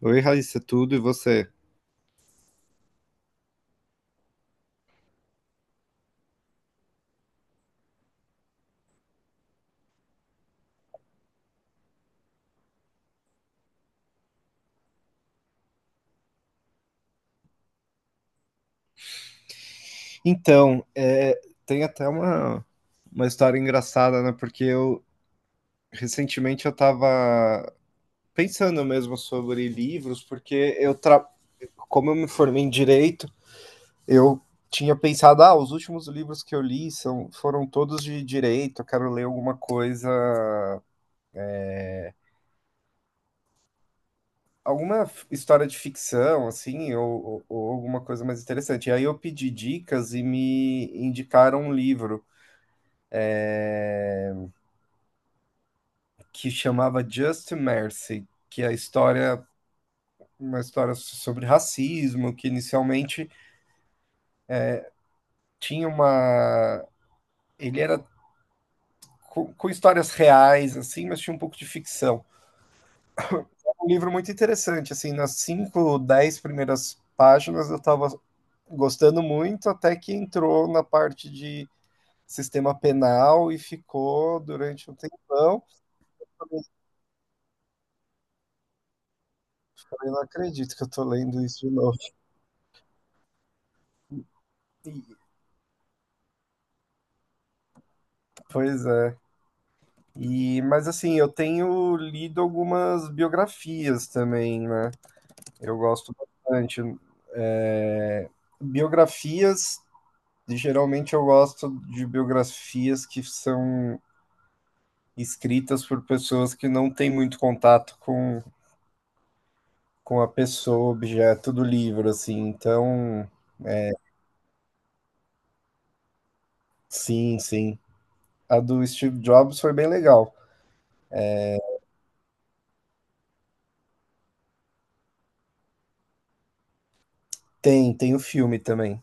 Oi, Raíssa, tudo e você? Então, tem até uma história engraçada, né? Porque eu recentemente eu tava pensando mesmo sobre livros, como eu me formei em direito, eu tinha pensado, os últimos livros que eu li foram todos de direito, eu quero ler alguma coisa, alguma história de ficção, assim, ou alguma coisa mais interessante. E aí eu pedi dicas e me indicaram um livro que chamava Just Mercy, que é a história, uma história sobre racismo, que inicialmente tinha uma. Ele era com histórias reais, assim, mas tinha um pouco de ficção. Um livro muito interessante, assim, nas cinco, dez primeiras páginas eu estava gostando muito, até que entrou na parte de sistema penal e ficou durante um tempão. Falei, não acredito que eu tô lendo isso de novo. Pois é. E, mas assim, eu tenho lido algumas biografias também, né? Eu gosto bastante. É, biografias, geralmente eu gosto de biografias que são escritas por pessoas que não têm muito contato com a pessoa, objeto do livro, assim. Então, sim, sim. A do Steve Jobs foi bem legal. Tem o filme também.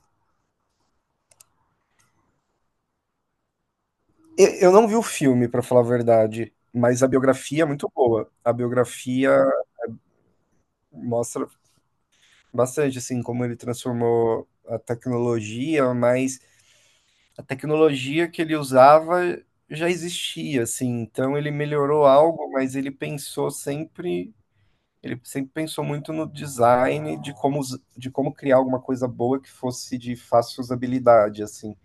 Eu não vi o filme, pra falar a verdade, mas a biografia é muito boa. A biografia mostra bastante assim como ele transformou a tecnologia, mas a tecnologia que ele usava já existia, assim. Então ele melhorou algo, mas ele pensou sempre, ele sempre pensou muito no design, de como de como criar alguma coisa boa que fosse de fácil usabilidade, assim.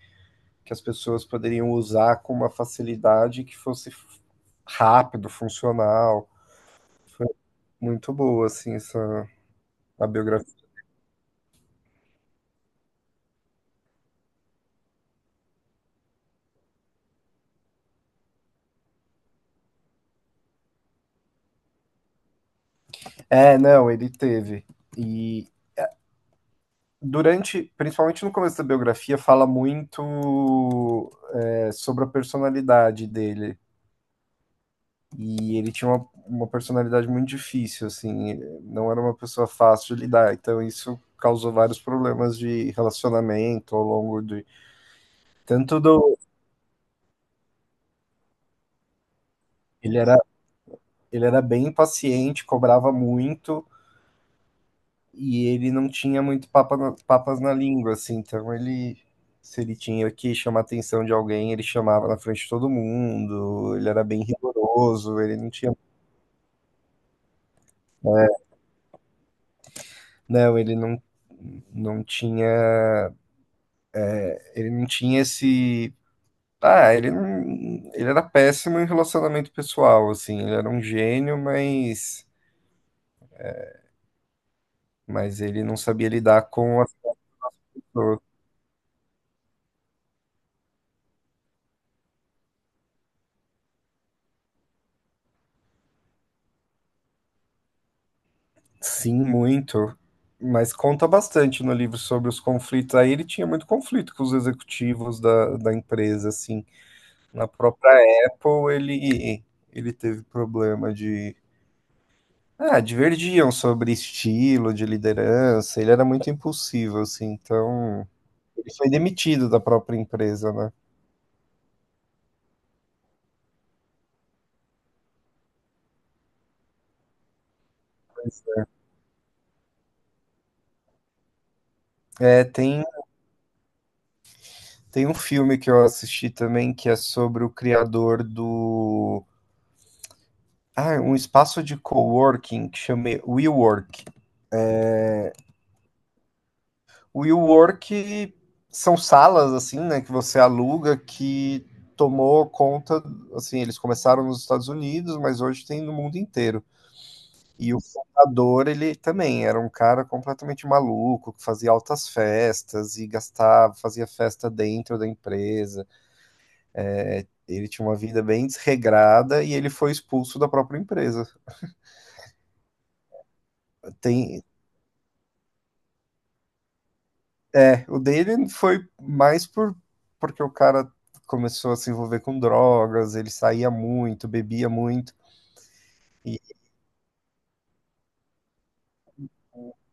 Que as pessoas poderiam usar com uma facilidade que fosse rápido, funcional. Foi muito boa, assim, essa a biografia. Não, ele teve. E durante, principalmente no começo da biografia, fala muito sobre a personalidade dele. E ele tinha uma personalidade muito difícil, assim, não era uma pessoa fácil de lidar. Então, isso causou vários problemas de relacionamento ao longo de. Tanto do. Ele era Ele era bem impaciente, cobrava muito e ele não tinha muito papas na língua, assim. Então ele, se ele tinha que chamar a atenção de alguém, ele chamava na frente de todo mundo. Ele era bem rigoroso. Ele não tinha, não, ele não, não tinha, ele não tinha esse. Ah, ele não, ele era péssimo em relacionamento pessoal, assim. Ele era um gênio, mas ele não sabia lidar com as pessoas. Sim, muito. Mas conta bastante no livro sobre os conflitos. Aí ele tinha muito conflito com os executivos da empresa, assim. Na própria Apple, ele teve problema de. Ah, divergiam sobre estilo de liderança. Ele era muito impulsivo, assim. Então, ele foi demitido da própria empresa, né? É, tem, tem um filme que eu assisti também que é sobre o criador do. Ah, um espaço de coworking que chama WeWork. O WeWork são salas assim, né, que você aluga que tomou conta, assim, eles começaram nos Estados Unidos, mas hoje tem no mundo inteiro. E o fundador, ele também era um cara completamente maluco, que fazia altas festas e gastava, fazia festa dentro da empresa. Ele tinha uma vida bem desregrada e ele foi expulso da própria empresa. Tem, é, o dele foi mais porque o cara começou a se envolver com drogas, ele saía muito, bebia muito e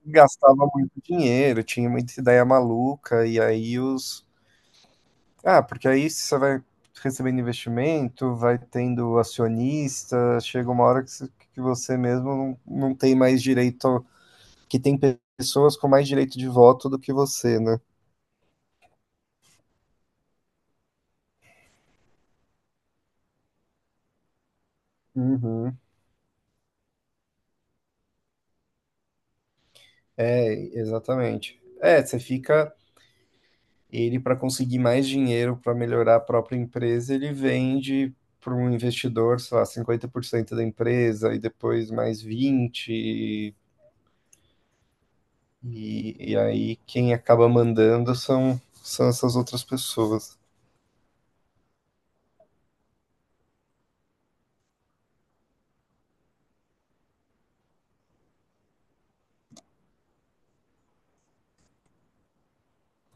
gastava muito dinheiro, tinha muita ideia maluca, e aí os. Ah, porque aí você vai recebendo investimento, vai tendo acionista, chega uma hora que você mesmo não, não tem mais direito, que tem pessoas com mais direito de voto do que você, né? Uhum. É, exatamente. Você fica Ele, para conseguir mais dinheiro para melhorar a própria empresa, ele vende para um investidor, sei lá, 50% da empresa e depois mais 20%. E aí quem acaba mandando são essas outras pessoas.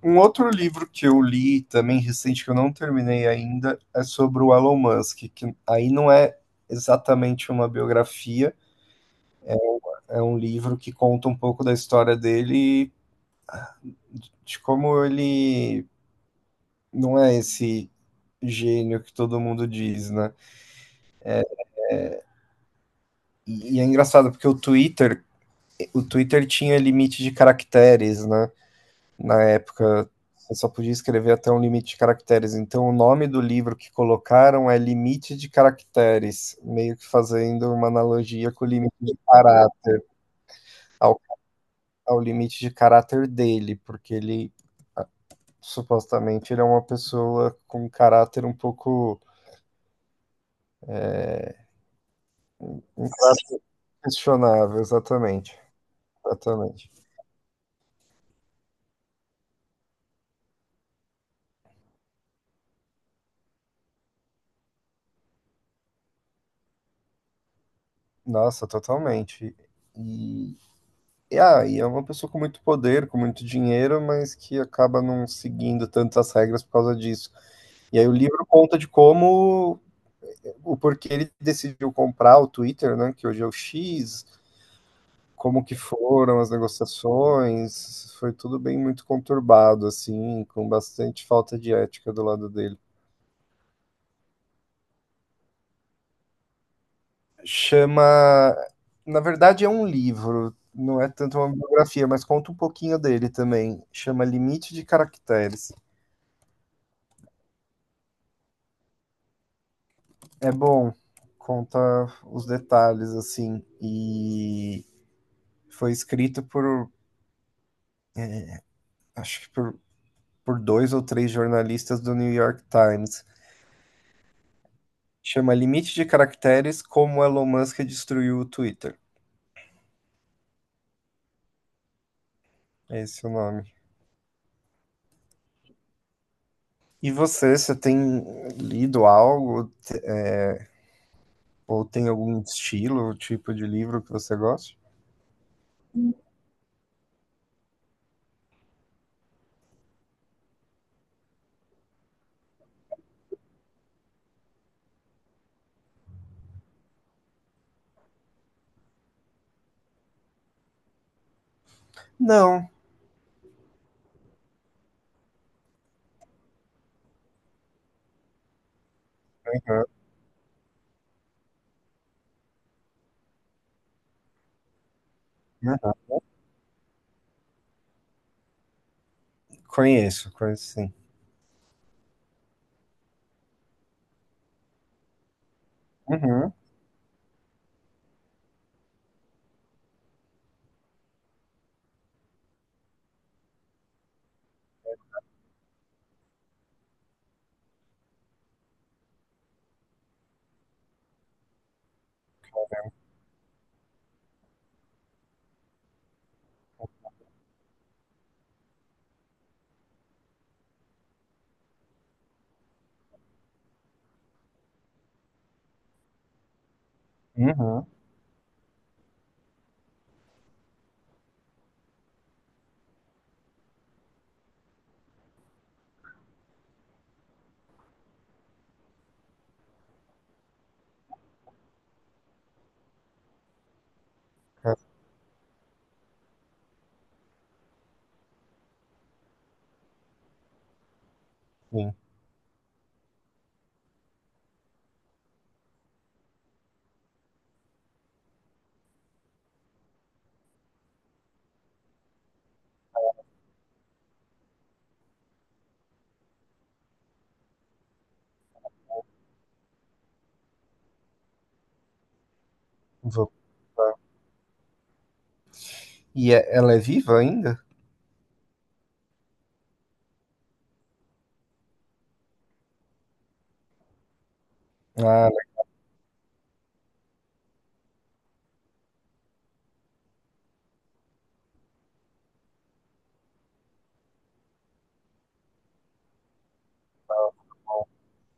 Um outro livro que eu li também recente, que eu não terminei ainda, é sobre o Elon Musk, que aí não é exatamente uma biografia, é um livro que conta um pouco da história dele, de como ele não é esse gênio que todo mundo diz, né? E é engraçado porque o Twitter tinha limite de caracteres, né? Na época, você só podia escrever até um limite de caracteres. Então, o nome do livro que colocaram é Limite de Caracteres, meio que fazendo uma analogia com o limite de caráter, ao, ao limite de caráter dele, porque ele supostamente ele é uma pessoa com um caráter um pouco um caráter questionável, exatamente, exatamente. Nossa, totalmente. E, e é uma pessoa com muito poder, com muito dinheiro, mas que acaba não seguindo tantas regras por causa disso. E aí o livro conta de como, o porquê ele decidiu comprar o Twitter, né, que hoje é o X, como que foram as negociações, foi tudo bem muito conturbado, assim, com bastante falta de ética do lado dele. Chama. Na verdade, é um livro, não é tanto uma biografia, mas conta um pouquinho dele também. Chama Limite de Caracteres. É bom, conta os detalhes, assim. E foi escrito por, acho que por, dois ou três jornalistas do New York Times. Chama Limite de Caracteres: Como Elon Musk Destruiu o Twitter. Esse é o nome. E você tem lido algo? Ou tem algum estilo, tipo de livro que você gosta? Não, aham, aham. Conheço, conheço sim. Uhum, uhum. Ah, sim, vou. E é- ela é viva ainda? Ah,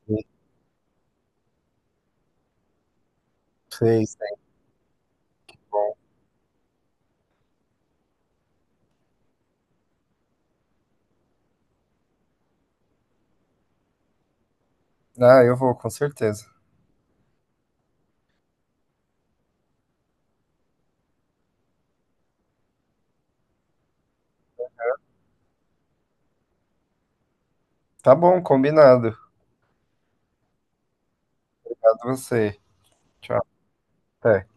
ela fez, tá bom. Ah, eu vou, com certeza. Tá bom, combinado. Obrigado a você. Tchau, até.